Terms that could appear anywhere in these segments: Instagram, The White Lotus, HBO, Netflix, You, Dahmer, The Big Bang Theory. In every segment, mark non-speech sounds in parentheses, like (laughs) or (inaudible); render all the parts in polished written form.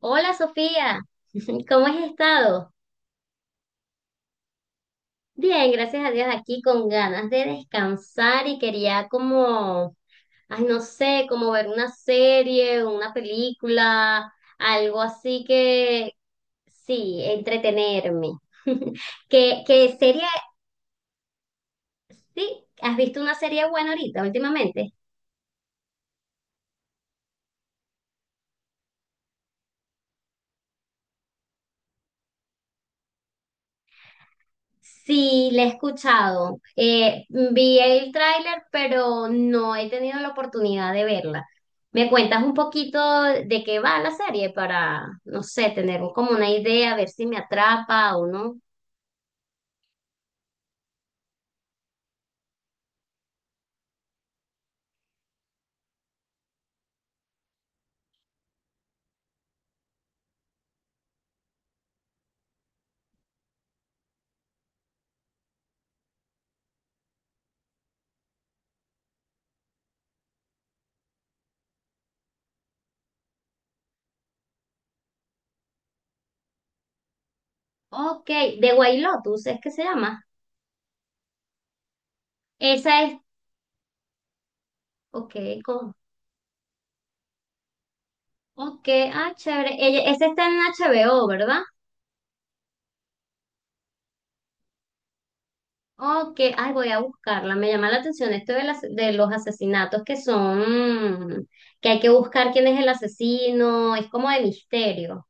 Hola Sofía, (laughs) ¿cómo has estado? Bien, gracias a Dios aquí con ganas de descansar y quería como, ay no sé, como ver una serie, una película, algo así que sí, entretenerme. (laughs) ¿Qué serie? Sí, ¿has visto una serie buena ahorita últimamente? Sí, la he escuchado. Vi el tráiler, pero no he tenido la oportunidad de verla. ¿Me cuentas un poquito de qué va la serie para, no sé, tener como una idea, ver si me atrapa o no? Ok, The White Lotus, ¿es que se llama? Esa es, ok, co- ok, ah, chévere. Ella, esa está en HBO, ¿verdad? Ok, ay, voy a buscarla. Me llama la atención esto de, de los asesinatos que son, que hay que buscar quién es el asesino, es como de misterio.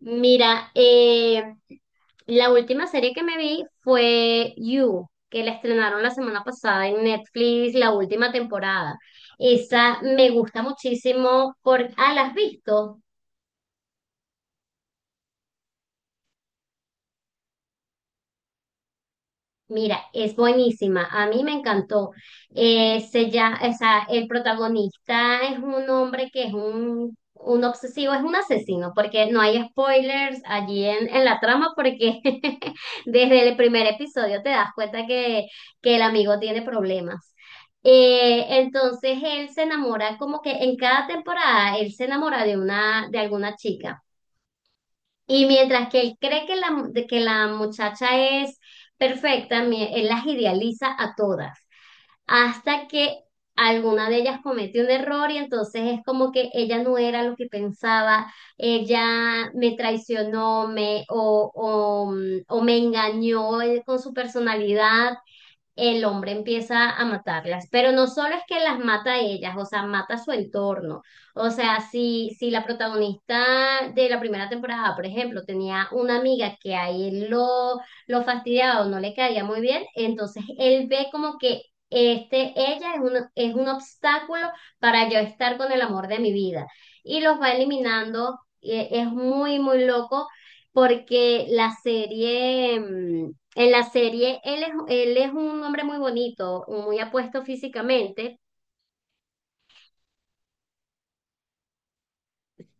Mira, la última serie que me vi fue You, que la estrenaron la semana pasada en Netflix, la última temporada. Esa me gusta muchísimo por... Ah, ¿la has visto? Mira, es buenísima, a mí me encantó. O sea, el protagonista es un hombre que es un obsesivo, es un asesino, porque no hay spoilers allí en la trama, porque (laughs) desde el primer episodio te das cuenta que el amigo tiene problemas. Entonces él se enamora, como que en cada temporada él se enamora de alguna chica. Y mientras que él cree que la muchacha es perfecta, él las idealiza a todas, hasta que alguna de ellas comete un error y entonces es como que ella no era lo que pensaba, ella me traicionó, me, o, mm, o me engañó con su personalidad el hombre empieza a matarlas, pero no solo es que las mata a ellas, o sea, mata a su entorno. O sea, si la protagonista de la primera temporada, por ejemplo, tenía una amiga que a él lo fastidiaba o no le caía muy bien, entonces él ve como que este, ella es es un obstáculo para yo estar con el amor de mi vida y los va eliminando. Es muy, muy loco porque la serie... en la serie, él es un hombre muy bonito, muy apuesto físicamente.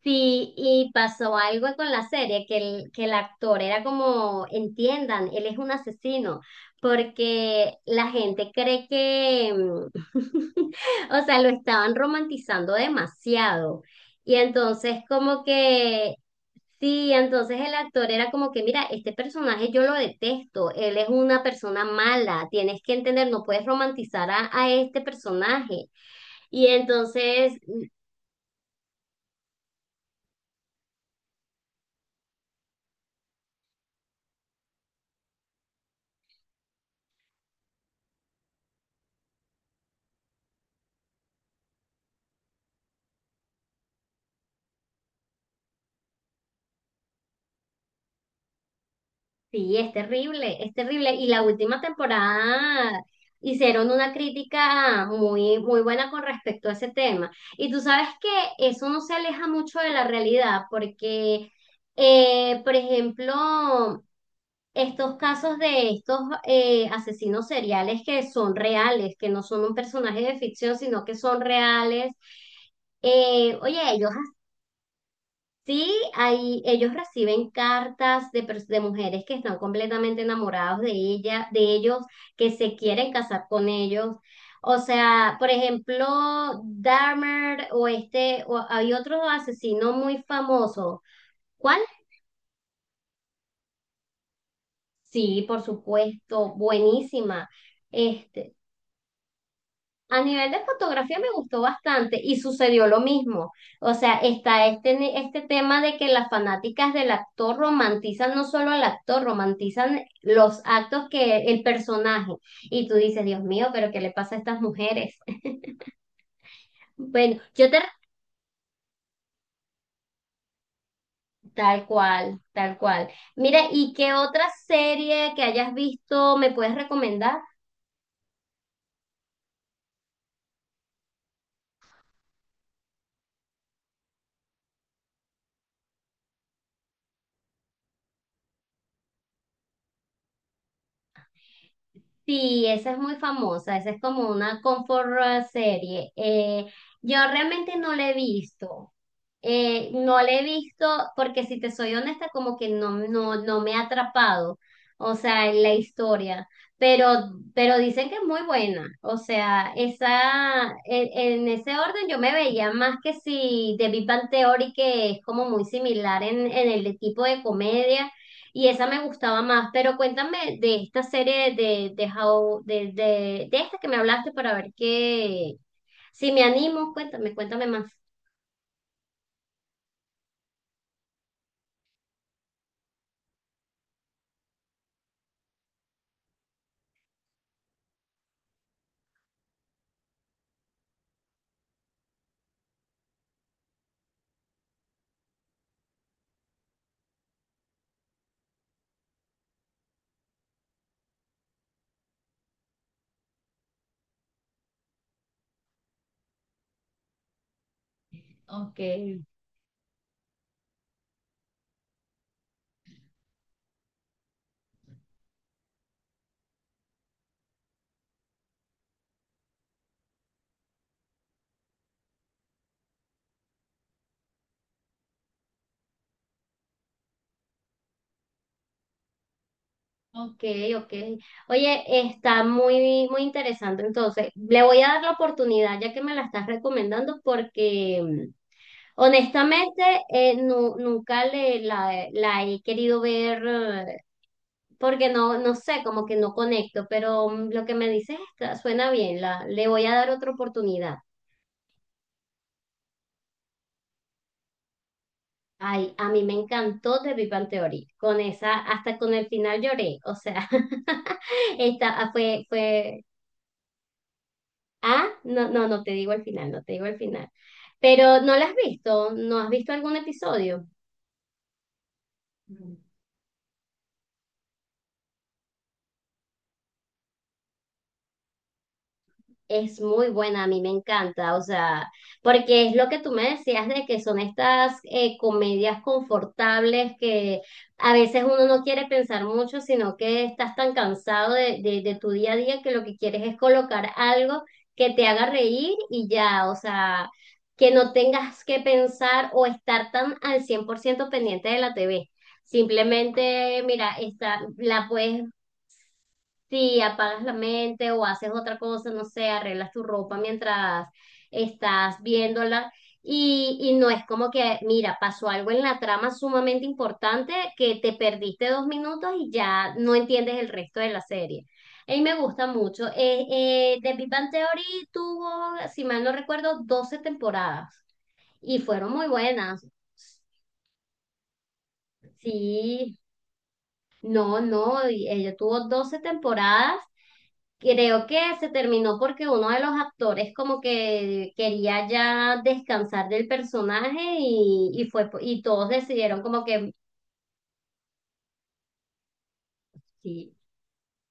Sí, y pasó algo con la serie, que el actor era como, entiendan, él es un asesino, porque la gente cree que, (laughs) o sea, lo estaban romantizando demasiado. Y entonces como que, sí, entonces el actor era como que, mira, este personaje yo lo detesto, él es una persona mala, tienes que entender, no puedes romantizar a este personaje. Y entonces sí, es terrible, es terrible. Y la última temporada hicieron una crítica muy, muy buena con respecto a ese tema. Y tú sabes que eso no se aleja mucho de la realidad, porque, por ejemplo, estos casos de estos asesinos seriales que son reales, que no son un personaje de ficción, sino que son reales. Oye, ellos sí, ahí ellos reciben cartas de, de mujeres que están completamente enamoradas de ellos, que se quieren casar con ellos. O sea, por ejemplo, Dahmer o este, o hay otro asesino muy famoso. ¿Cuál? Sí, por supuesto, supuenísima. A nivel de fotografía me gustó bastante y sucedió lo mismo. O sea, está este, este tema de que las fanáticas del actor romantizan no solo al actor, romantizan los actos que el personaje. Y tú dices, Dios mío, pero ¿qué le pasa a estas mujeres? (laughs) Bueno, yo te... Tal cual, tal cual. Mira, ¿y qué otra serie que hayas visto me puedes recomendar? Sí, esa es muy famosa, esa es como una comfort serie. Yo realmente no la he visto. No la he visto porque si te soy honesta, como que no me ha atrapado, o sea, en la historia. Pero dicen que es muy buena. O sea, esa, en ese orden yo me veía más que si The Big Bang Theory, que es como muy similar en el tipo de comedia. Y esa me gustaba más, pero cuéntame de esta serie de How, de esta que me hablaste para ver qué, si me animo, cuéntame, cuéntame más. Ok, ok, ok. Oye, está muy, muy interesante. Entonces, le voy a dar la oportunidad ya que me la estás recomendando porque honestamente nunca la he querido ver porque no, no sé, como que no conecto, pero lo que me dices está, suena bien, le voy a dar otra oportunidad. Ay, a mí me encantó The Big Bang Theory, con esa, hasta con el final lloré, o sea, (laughs) esta fue, no, no, no te digo el final, no te digo el final, pero no la has visto, no has visto algún episodio. Es muy buena, a mí me encanta, o sea, porque es lo que tú me decías de que son estas comedias confortables que a veces uno no quiere pensar mucho, sino que estás tan cansado de tu día a día que lo que quieres es colocar algo que te haga reír y ya, o sea, que no tengas que pensar o estar tan al 100% pendiente de la TV. Simplemente, mira, está, la puedes sí, apagas la mente o haces otra cosa, no sé, arreglas tu ropa mientras estás viéndola y no es como que, mira, pasó algo en la trama sumamente importante que te perdiste 2 minutos y ya no entiendes el resto de la serie. A mí me gusta mucho. The Big Bang Theory tuvo, si mal no recuerdo, 12 temporadas y fueron muy buenas. Sí, no, no, y ella tuvo 12 temporadas. Creo que se terminó porque uno de los actores como que quería ya descansar del personaje y fue y todos decidieron como que sí,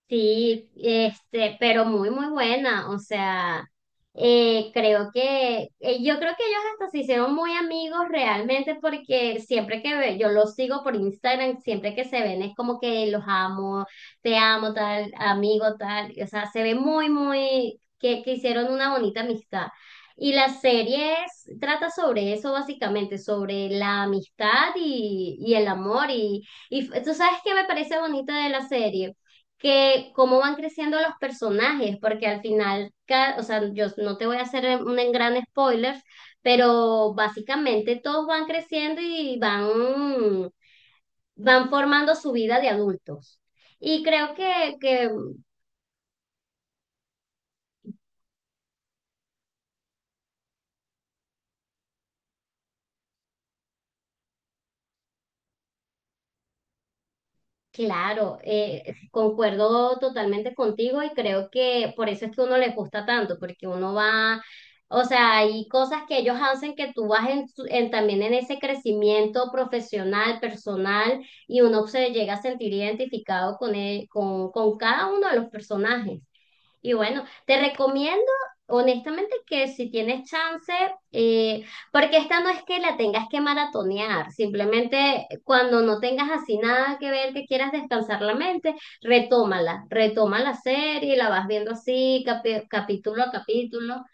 sí, este, pero muy, muy buena. O sea, yo creo que ellos hasta se hicieron muy amigos realmente porque siempre que yo los sigo por Instagram, siempre que se ven es como que los amo, te amo, tal, amigo, tal. O sea, se ve que hicieron una bonita amistad. La serie trata sobre eso básicamente, sobre la amistad y el amor. Y tú sabes qué me parece bonita de la serie que cómo van creciendo los personajes, porque al final, o sea, yo no te voy a hacer un en gran spoiler, pero básicamente todos van creciendo y van formando su vida de adultos. Y creo que claro, concuerdo totalmente contigo y creo que por eso es que uno les gusta tanto, porque uno va, o sea, hay cosas que ellos hacen que tú vas también en ese crecimiento profesional, personal, y uno se llega a sentir identificado con cada uno de los personajes. Y bueno, te recomiendo honestamente que si tienes chance, eh, porque esta no es que la tengas que maratonear, simplemente cuando no tengas así nada que ver, que quieras descansar la mente, retómala, retoma la serie, la vas viendo así, capítulo a capítulo.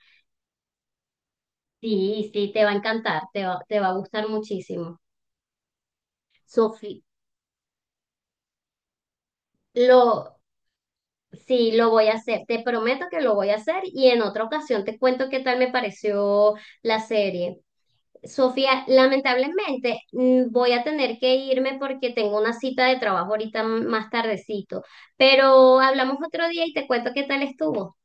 Sí, sí, te va a encantar, te va a gustar muchísimo. Sofi, lo, sí, lo voy a hacer, te prometo que lo voy a hacer y en otra ocasión te cuento qué tal me pareció la serie. Sofía, lamentablemente voy a tener que irme porque tengo una cita de trabajo ahorita más tardecito, pero hablamos otro día y te cuento qué tal estuvo.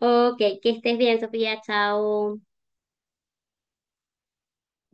Ok, que estés bien, Sofía, chao.